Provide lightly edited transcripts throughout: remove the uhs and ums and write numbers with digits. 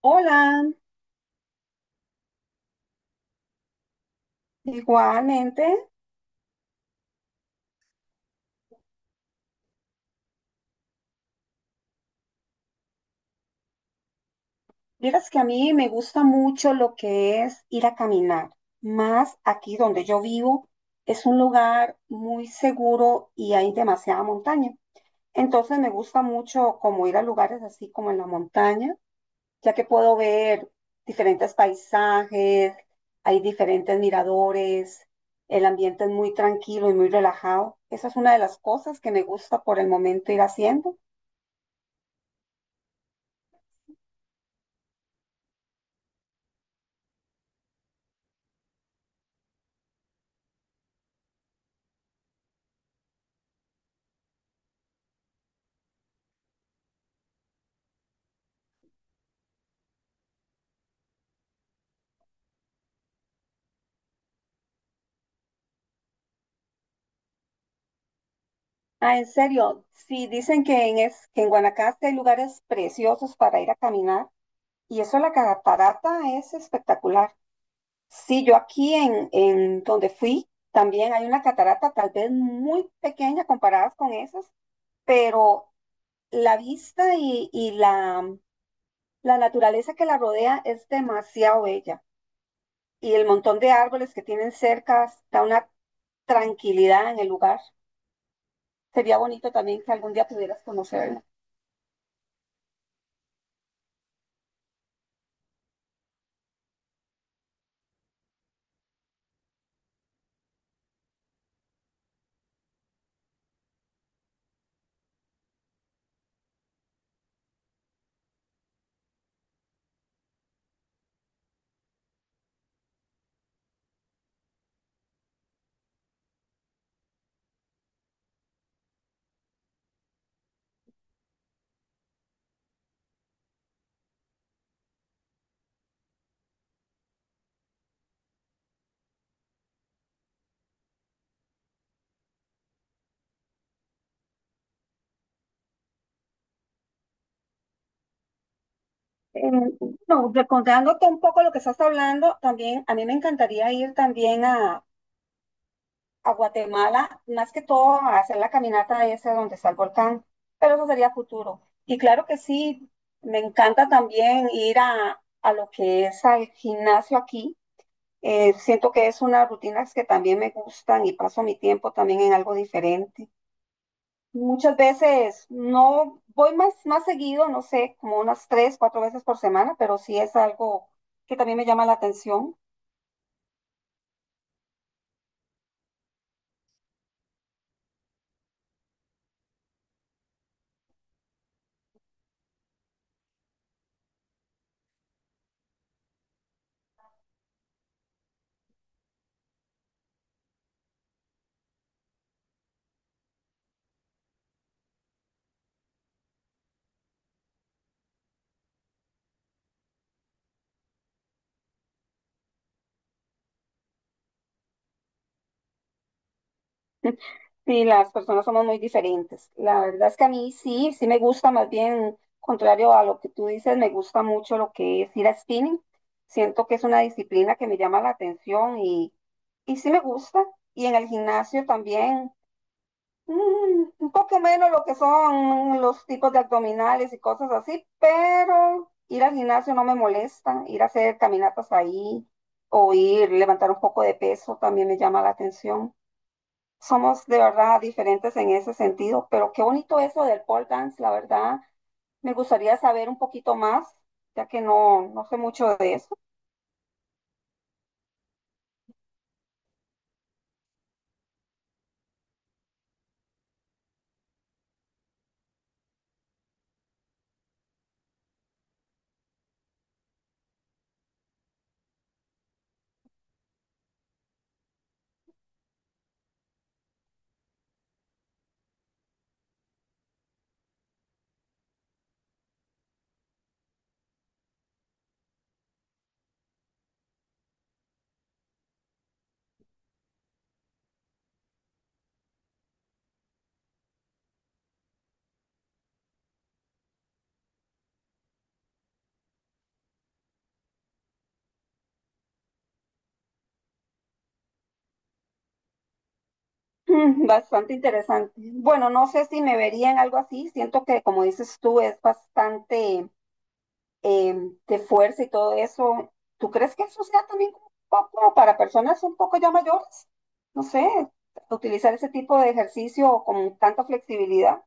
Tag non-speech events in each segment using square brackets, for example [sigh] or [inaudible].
Hola, igualmente. Vieras que a mí me gusta mucho lo que es ir a caminar, más aquí donde yo vivo. Es un lugar muy seguro y hay demasiada montaña. Entonces me gusta mucho como ir a lugares así como en la montaña, ya que puedo ver diferentes paisajes, hay diferentes miradores, el ambiente es muy tranquilo y muy relajado. Esa es una de las cosas que me gusta por el momento ir haciendo. Ah, en serio, sí, dicen que que en Guanacaste hay lugares preciosos para ir a caminar y eso de la catarata es espectacular. Sí, yo aquí en donde fui también hay una catarata tal vez muy pequeña comparadas con esas, pero la vista y la naturaleza que la rodea es demasiado bella y el montón de árboles que tienen cerca da una tranquilidad en el lugar. Sería bonito también que algún día pudieras conocerla. Eh, no, recordándote un poco lo que estás hablando, también a mí me encantaría ir también a Guatemala, más que todo a hacer la caminata esa donde está el volcán, pero eso sería futuro. Y claro que sí, me encanta también ir a lo que es al gimnasio aquí. Siento que es una rutinas que también me gustan y paso mi tiempo también en algo diferente. Muchas veces no voy más seguido, no sé, como unas tres, cuatro veces por semana, pero sí es algo que también me llama la atención. [laughs] Sí, las personas somos muy diferentes. La verdad es que a mí sí, sí me gusta, más bien, contrario a lo que tú dices, me gusta mucho lo que es ir a spinning. Siento que es una disciplina que me llama la atención y sí me gusta. Y en el gimnasio también. Mm, un poco menos lo que son los tipos de abdominales y cosas así, pero ir al gimnasio no me molesta, ir a hacer caminatas ahí o ir levantar un poco de peso también me llama la atención. Somos de verdad diferentes en ese sentido, pero qué bonito eso del pole dance, la verdad. Me gustaría saber un poquito más, ya que no sé mucho de eso. [laughs] Mm, bastante interesante. Bueno, no sé si me vería en algo así. Siento que, como dices tú, es bastante de fuerza y todo eso. ¿Tú crees que eso sea también como un poco para personas un poco ya mayores? No sé, utilizar ese tipo de ejercicio con tanta flexibilidad.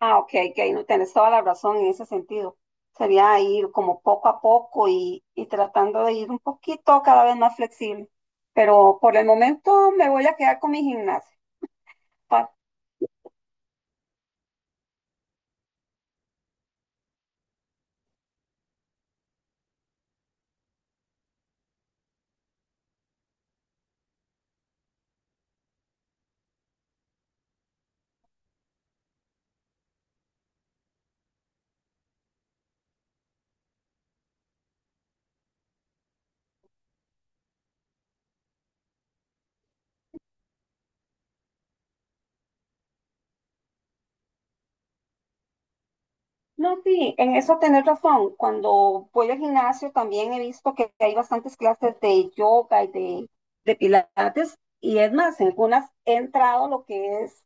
Ah, ok, ok, no tienes toda la razón en ese sentido. Sería ir como poco a poco y tratando de ir un poquito cada vez más flexible. Pero por el momento me voy a quedar con mi gimnasia. No, sí, en eso tenés razón. Cuando voy al gimnasio también he visto que hay bastantes clases de yoga de pilates. Y es más, en algunas he entrado lo que es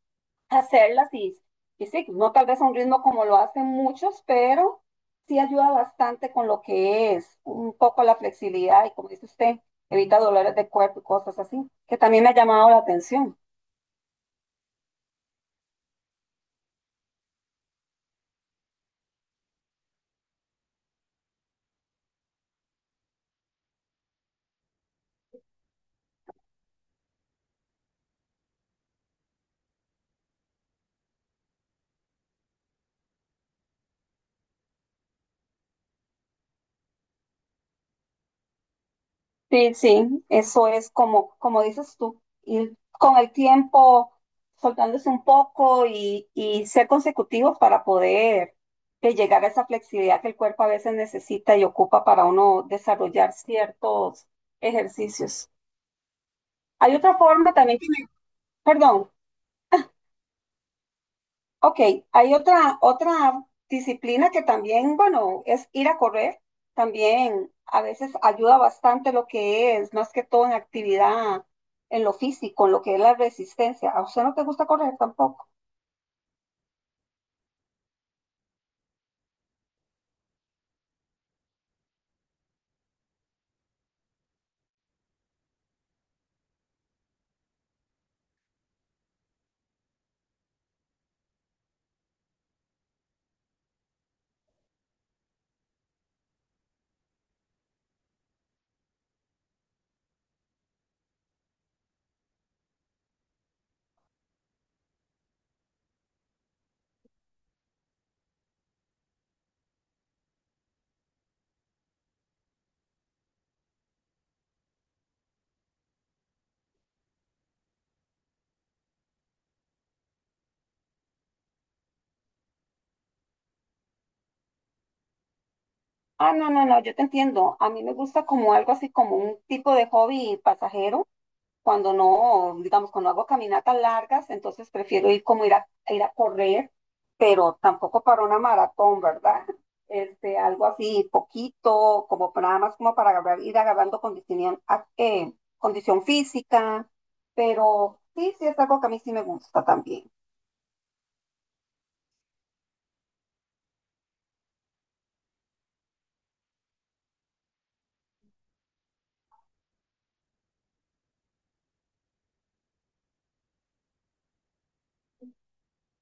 hacerlas y sí, no tal vez a un ritmo como lo hacen muchos, pero sí ayuda bastante con lo que es un poco la flexibilidad y como dice usted, evita dolores de cuerpo y cosas así, que también me ha llamado la atención. Sí, sí, eso es como, como dices tú, ir con el tiempo soltándose un poco y ser consecutivos para poder llegar a esa flexibilidad que el cuerpo a veces necesita y ocupa para uno desarrollar ciertos ejercicios. Hay otra forma también que me- perdón. Ok, hay otra disciplina que también, bueno, es ir a correr. También a veces ayuda bastante lo que es, más que todo en actividad, en lo físico, en lo que es la resistencia. ¿A usted no te gusta correr tampoco? Ah, no, no, no, yo te entiendo. A mí me gusta como algo así como un tipo de hobby pasajero. Cuando no, digamos, cuando hago caminatas largas, entonces prefiero ir como ir ir a correr, pero tampoco para una maratón, ¿verdad? [laughs] Este, algo así, poquito, nada más ir agarrando condición, condición física, pero sí, sí es algo que a mí sí me gusta también.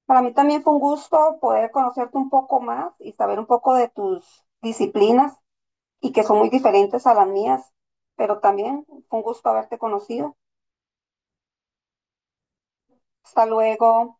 Para mí también fue un gusto poder conocerte un poco más y saber un poco de tus disciplinas y que son muy diferentes a las mías, pero también fue un gusto haberte conocido. Hasta luego.